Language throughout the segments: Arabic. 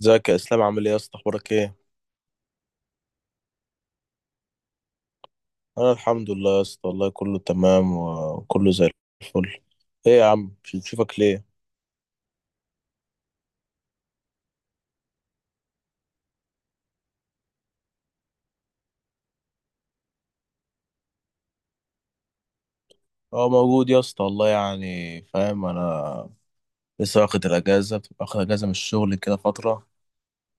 ازيك يا اسلام، عامل ايه يا اسطى؟ اخبارك ايه؟ انا الحمد لله يا اسطى، والله كله تمام وكله زي الفل. ايه يا عم، مش بتشوفك ليه؟ اه، موجود يا اسطى والله، يعني فاهم، انا لسه واخد اجازه من الشغل كده فتره،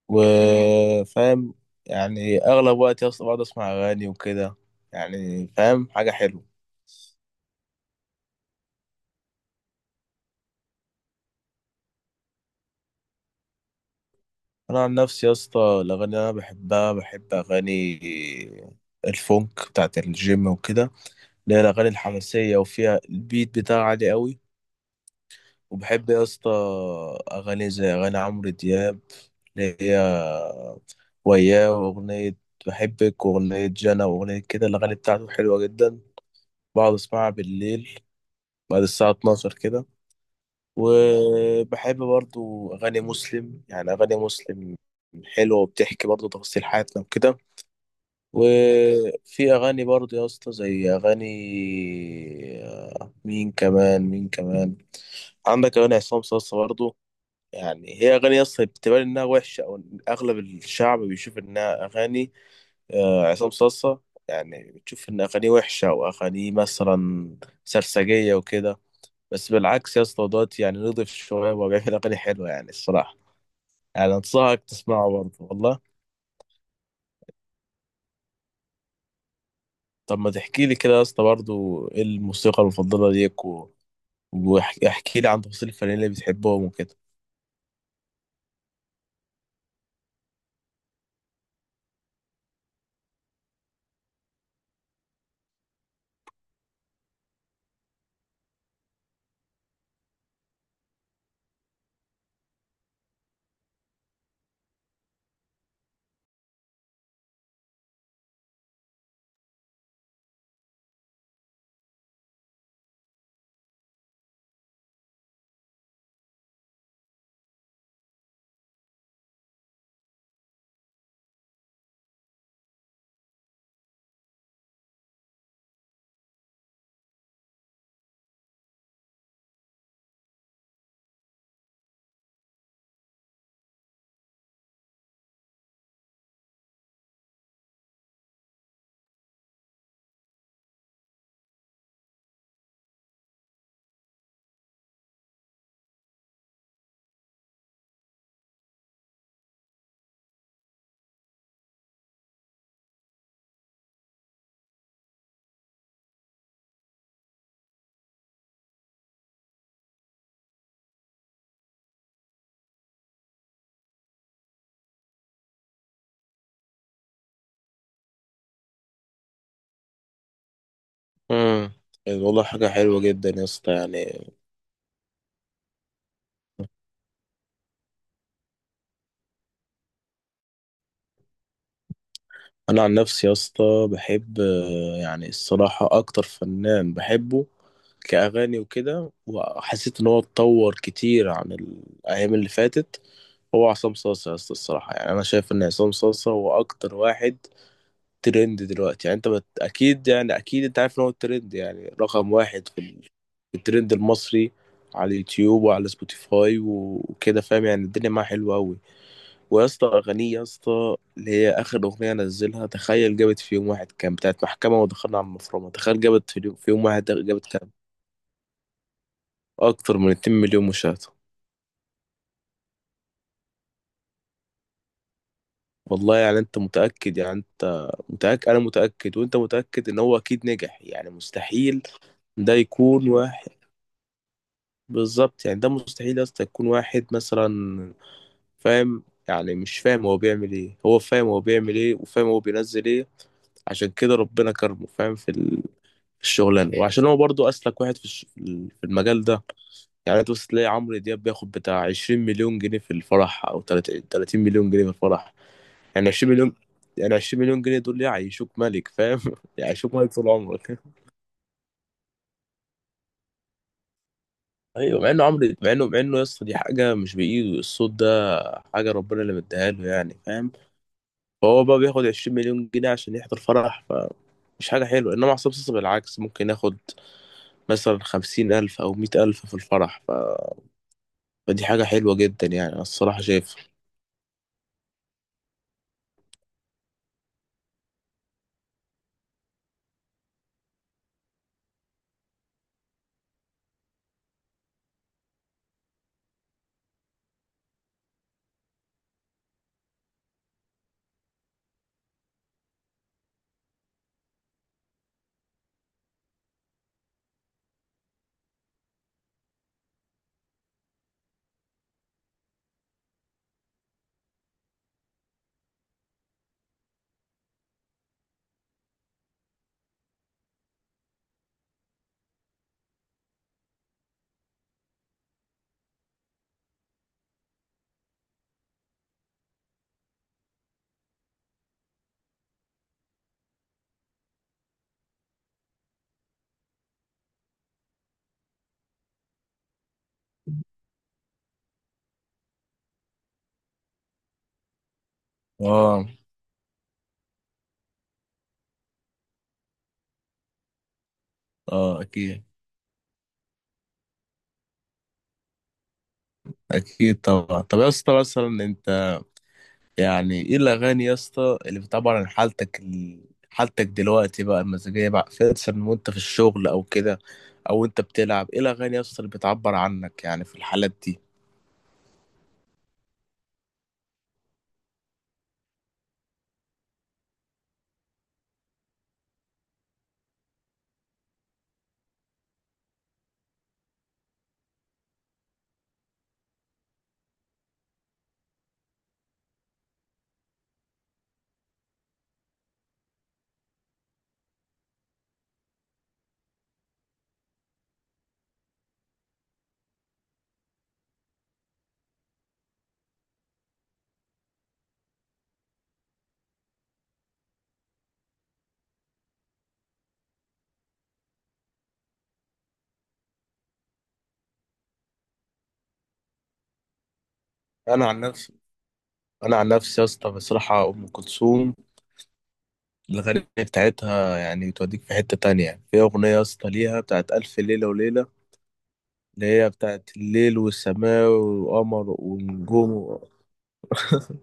وفاهم يعني اغلب وقت يا اسطى بقعد اسمع اغاني وكده، يعني فاهم حاجه حلوه. انا عن نفسي يا اسطى، الاغاني اللي انا بحبها، بحب اغاني الفونك بتاعت الجيم وكده، اللي هي الأغاني الحماسية وفيها البيت بتاعها عالي قوي. وبحب يا اسطى أغاني زي أغاني عمرو دياب، اللي هي وياه، وأغنية بحبك، وأغنية جنى، وأغنية كده. الأغاني بتاعته حلوة جدا، بقعد أسمعها بالليل بعد الساعة 12 كده. وبحب برضو أغاني مسلم، يعني أغاني مسلم حلوة وبتحكي برضو تفاصيل حياتنا وكده. وفي أغاني برضو يا اسطى زي أغاني، مين كمان، مين كمان؟ عندك اغاني عصام صاصا برضه. يعني هي اغاني اصلا بتبان انها وحشه، او إن اغلب الشعب بيشوف انها اغاني، عصام صاصا. يعني بتشوف ان اغانيه وحشه، او اغانيه مثلا سرسجيه وكده. بس بالعكس يا اسطى دوت يعني نضيف شويه، وهو بيعمل اغاني حلوه يعني الصراحه. يعني انصحك تسمعه برضه والله. طب ما تحكي لي كده يا اسطى برضه، ايه الموسيقى المفضله ليك واحكي لي عن تفاصيل الفنانين اللي بتحبهم وكده؟ امم. والله حاجة حلوة جدا يا اسطى يعني. انا عن نفسي يا اسطى بحب، يعني الصراحه اكتر فنان بحبه كاغاني وكده، وحسيت ان هو اتطور كتير عن الايام اللي فاتت. هو عصام صاصا يا اسطى الصراحه، يعني انا شايف ان عصام صاصا هو اكتر واحد ترند دلوقتي. يعني اكيد، يعني اكيد انت عارف ان هو الترند يعني رقم واحد في الترند المصري، على اليوتيوب وعلى سبوتيفاي وكده، فاهم يعني الدنيا معاه حلوه قوي. ويا اسطى اغانيه يا اسطى اللي هي اخر اغنيه نزلها، تخيل جابت في يوم واحد كام؟ بتاعت محكمه ودخلنا على المفرمه، تخيل في يوم واحد جابت كام؟ اكتر من 2 مليون مشاهده. والله يعني انت متاكد، يعني انت متاكد، انا متاكد وانت متاكد ان هو اكيد نجح، يعني مستحيل ده يكون واحد. بالظبط، يعني ده مستحيل يا اسطى يكون واحد مثلا، فاهم. يعني مش فاهم هو بيعمل ايه، هو فاهم هو بيعمل ايه وفاهم هو بينزل ايه. عشان كده ربنا كرمه، فاهم، في الشغلانه، وعشان هو برضو اسلك واحد في المجال ده. يعني تبص تلاقي عمرو دياب بياخد بتاع 20 مليون جنيه في الفرح، او 30 مليون جنيه في الفرح. يعني 20 مليون، يعني 20 مليون جنيه دول يعيشوك ملك، فاهم يعيشوك ملك طول عمرك. ايوه، مع انه عمرو، مع انه يا اسطى دي حاجه مش بايده الصوت ده، حاجه ربنا اللي مديها له يعني فاهم. فهو بقى بياخد 20 مليون جنيه عشان يحضر فرح، مش حاجة حلوة. إنما عصام صاصا بالعكس ممكن ياخد مثلا 50 ألف أو 100 ألف في الفرح، فدي حاجة حلوة جدا يعني، أنا الصراحة شايف. اه، اه، اكيد اكيد طبعا. طب يا اسطى مثلا انت، يعني ايه الاغاني يا اسطى اللي بتعبر عن حالتك دلوقتي بقى، المزاجيه بقى مثلا وانت في الشغل او كده، او انت بتلعب ايه الاغاني يا اسطى اللي بتعبر عنك يعني في الحالات دي؟ انا عن نفسي انا عن نفسي يا اسطى بصراحه، ام كلثوم الاغاني بتاعتها يعني بتوديك في حته تانية، في اغنيه يا اسطى ليها بتاعت الف ليله وليله، اللي هي بتاعت الليل والسماء والقمر والنجوم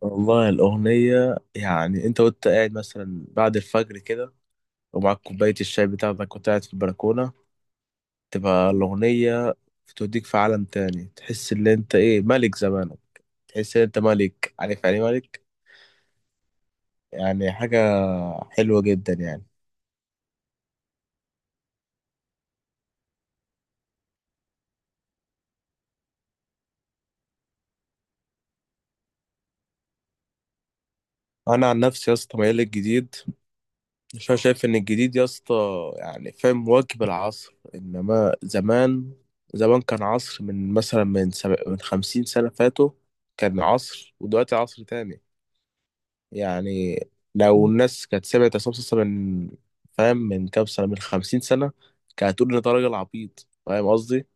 والله الأغنية، يعني أنت، وأنت قاعد مثلا بعد الفجر كده، ومعاك كوباية الشاي بتاعتك وأنت قاعد في البلكونة، تبقى الأغنية بتوديك في عالم تاني، تحس إن أنت إيه ملك زمانك، تحس إن أنت ملك، عارف يعني إيه ملك. يعني حاجة حلوة جدا يعني. أنا عن نفسي يا اسطى ميال للجديد. مش، انا شايف ان الجديد يا اسطى يعني فاهم واجب العصر، انما زمان، زمان كان عصر من مثلا من 50 سنة فاتوا، كان عصر ودلوقتي عصر تاني. يعني لو الناس كانت سمعت عصام صاصا من، فاهم، من كام سنة، من 50 سنة، كانت هتقول ان ده راجل عبيط، فاهم قصدي.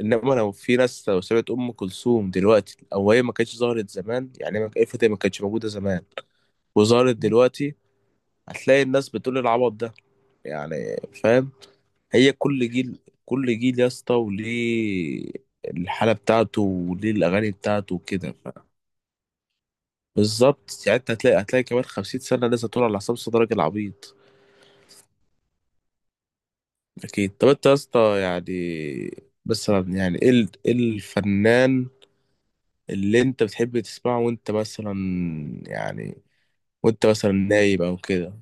انما لو في ناس لو سمعت ام كلثوم دلوقتي، او هي ما كانتش ظهرت زمان، يعني ما كانتش موجودة زمان وظهرت دلوقتي، هتلاقي الناس بتقول العبط ده يعني، فاهم. هي كل جيل، كل جيل يا اسطى وليه الحالة بتاعته وليه الأغاني بتاعته وكده. بالظبط يعني، انت هتلاقي كمان 50 سنة لسه طول على حساب صدرك العبيط. أكيد. طب انت يا اسطى يعني مثلا، يعني ايه الفنان اللي انت بتحب تسمعه وانت مثلا، يعني وانت مثلا نايم أو كده؟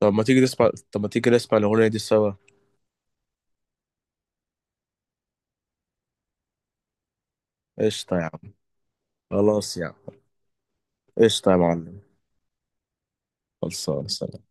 طب ما تيجي نسمع الأغنية دي سوا. قشطة يا عم. خلاص يا عم. قشطة يا معلم. خلصانة. سلام.